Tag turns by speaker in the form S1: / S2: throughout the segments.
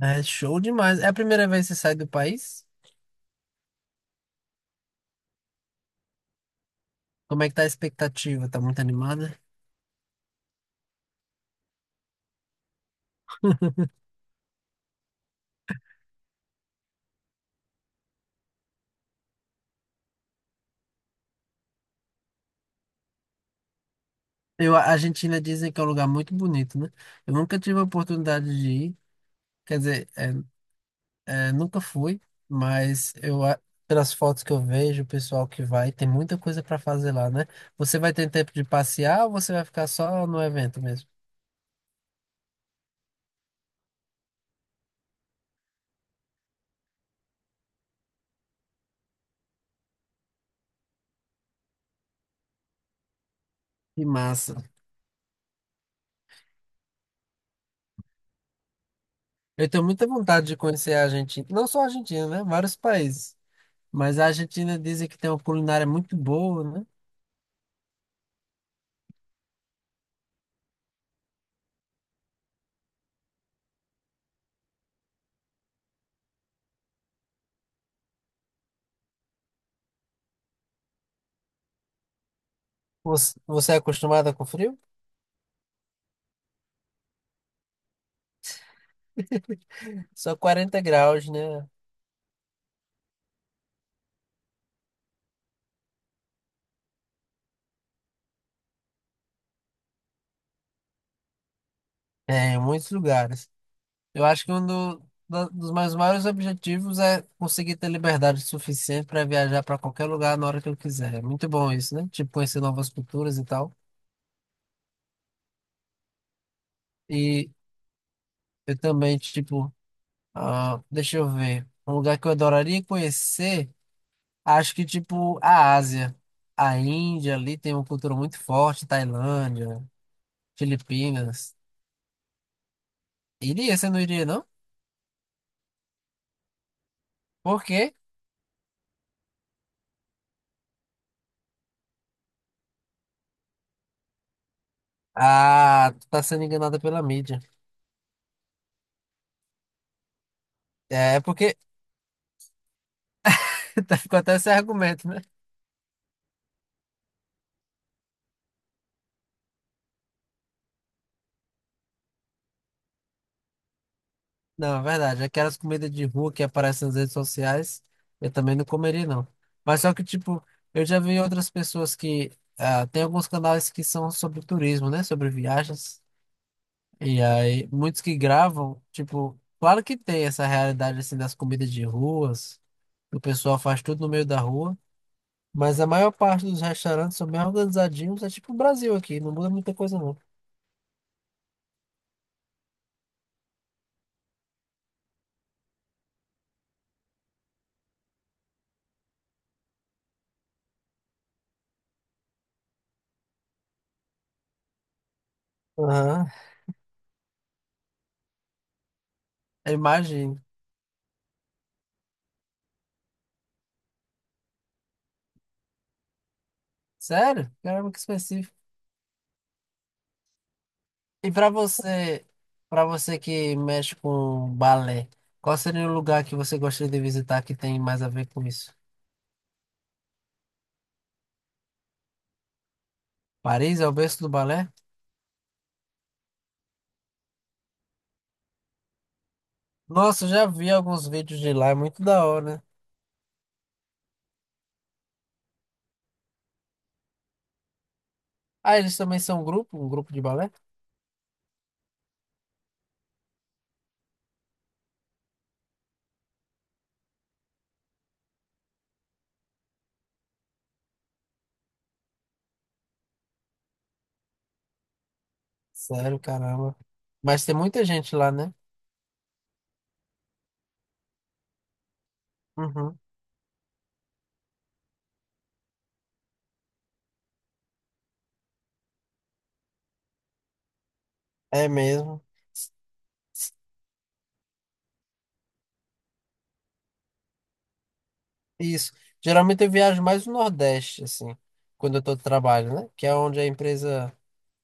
S1: É show demais. É a primeira vez que você sai do país? Como é que tá a expectativa? Tá muito animada? A Argentina dizem que é um lugar muito bonito, né? Eu nunca tive a oportunidade de ir, quer dizer, nunca fui, mas eu, pelas fotos que eu vejo, o pessoal que vai, tem muita coisa para fazer lá, né? Você vai ter tempo de passear ou você vai ficar só no evento mesmo? Que massa. Eu tenho muita vontade de conhecer a Argentina, não só a Argentina, né? Vários países. Mas a Argentina dizem que tem uma culinária muito boa, né? Você é acostumada com frio? Só 40 graus, né? É, em muitos lugares. Eu acho que um dos meus maiores objetivos é conseguir ter liberdade suficiente para viajar para qualquer lugar na hora que eu quiser. É muito bom isso, né? Tipo, conhecer novas culturas e tal. E eu também, tipo, ah, deixa eu ver. Um lugar que eu adoraria conhecer, acho que, tipo, a Ásia. A Índia ali tem uma cultura muito forte, Tailândia, Filipinas. Iria, você não iria, não? porque Ah, tu tá sendo enganada pela mídia. É, é porque tá com até esse argumento, né? Não, é verdade. Aquelas comidas de rua que aparecem nas redes sociais, eu também não comeria, não. Mas só que, tipo, eu já vi outras pessoas que. Ah, tem alguns canais que são sobre turismo, né? Sobre viagens. E aí, muitos que gravam, tipo, claro que tem essa realidade, assim, das comidas de ruas. Que O pessoal faz tudo no meio da rua. Mas a maior parte dos restaurantes são bem organizadinhos. É tipo o Brasil aqui, não muda muita coisa, não. Aham, eu imagino. Sério? Caramba, que específico. E para você que mexe com balé, qual seria o lugar que você gostaria de visitar que tem mais a ver com isso? Paris é o berço do balé? Nossa, eu já vi alguns vídeos de lá, é muito da hora, né? Ah, eles também são um grupo de balé? Sério, caramba. Mas tem muita gente lá, né? Uhum, é mesmo. Isso. Geralmente eu viajo mais no Nordeste, assim, quando eu tô de trabalho, né? Que é onde a empresa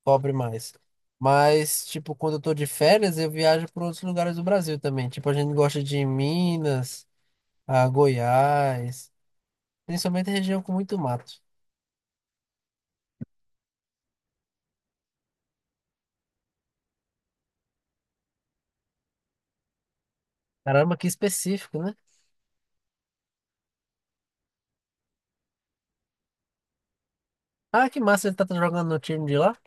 S1: cobre mais. Mas, tipo, quando eu tô de férias, eu viajo para outros lugares do Brasil também. Tipo, a gente gosta de Minas, a Goiás, principalmente região com muito mato. Caramba, que específico, né? Ah, que massa, ele tá jogando no time de lá?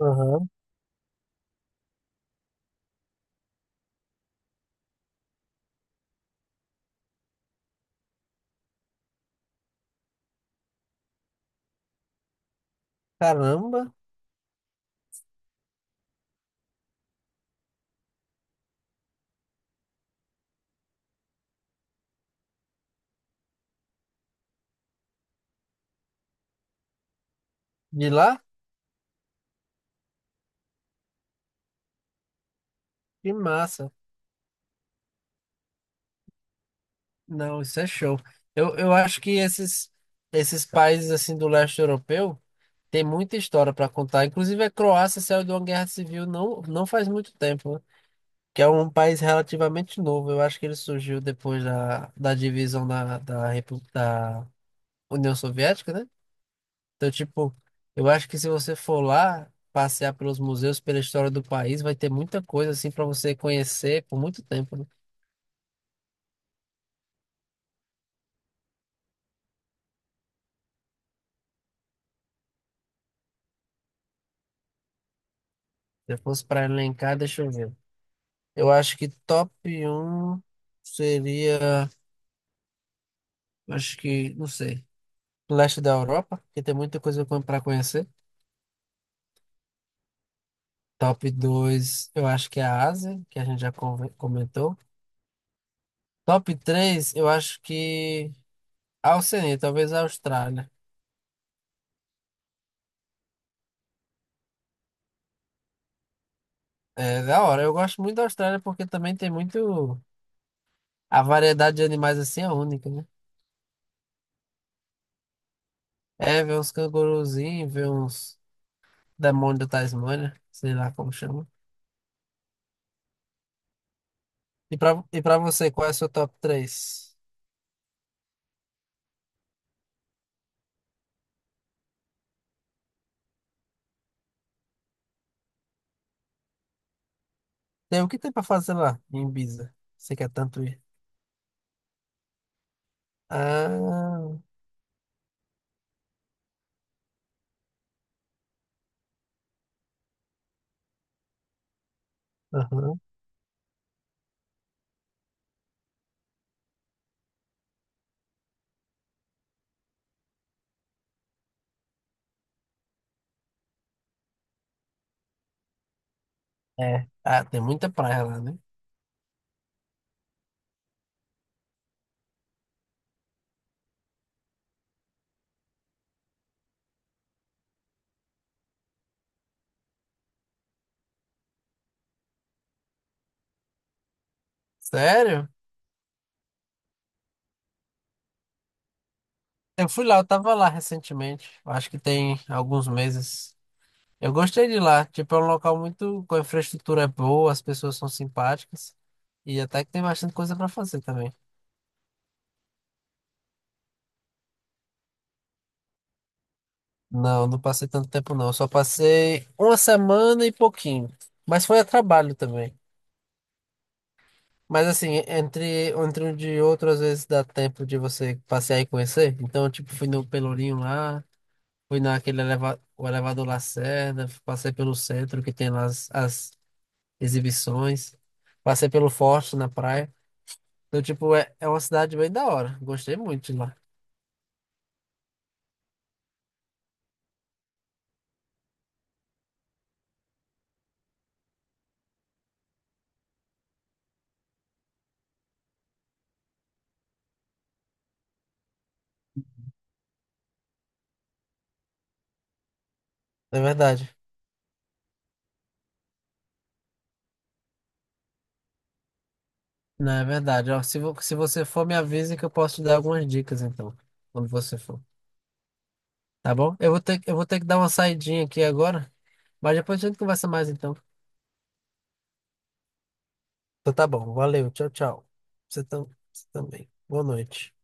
S1: Aham. Caramba, de lá? Que massa. Não, isso é show. Eu acho que esses países assim do leste europeu tem muita história para contar. Inclusive a Croácia saiu de uma guerra civil não faz muito tempo, né? Que é um país relativamente novo. Eu acho que ele surgiu depois da divisão da União Soviética, né? Então, tipo, eu acho que se você for lá passear pelos museus, pela história do país, vai ter muita coisa assim para você conhecer por muito tempo, né? Se eu fosse para elencar, deixa eu ver. Eu acho que top um seria, acho que, não sei, leste da Europa, que tem muita coisa para conhecer. Top 2, eu acho que é a Ásia, que a gente já comentou. Top 3, eu acho que a Oceania, talvez a Austrália. É da hora, eu gosto muito da Austrália porque também tem muito. A variedade de animais assim é única, né? É, ver uns canguruzinhos, ver uns demônios da Tasmânia, sei lá como chama. E pra você, qual é o seu top 3? Tem o que tem pra fazer lá em Ibiza? Você quer tanto ir? Ah, aham. É. Ah, tem muita praia lá, né? Sério? Eu fui lá, eu tava lá recentemente. Eu acho que tem alguns meses. Eu gostei de lá. Tipo, é um local muito com a infraestrutura é boa, as pessoas são simpáticas. E até que tem bastante coisa pra fazer também. Não, não passei tanto tempo não. Eu só passei uma semana e pouquinho. Mas foi a trabalho também. Mas assim, entre um de outro, às vezes dá tempo de você passear e conhecer. Então, tipo, fui no Pelourinho lá, fui o elevador Lacerda, passei pelo centro que tem lá as exibições, passei pelo Forte na praia. Então, tipo, é uma cidade bem da hora. Gostei muito de lá. É verdade. Não, é verdade. Ó, se você for, me avisa que eu posso te dar algumas dicas, então, quando você for. Tá bom? Eu vou ter que dar uma saidinha aqui agora, mas depois a gente conversa mais, então. Então tá bom, valeu, tchau, tchau. Você tam- você também. Boa noite.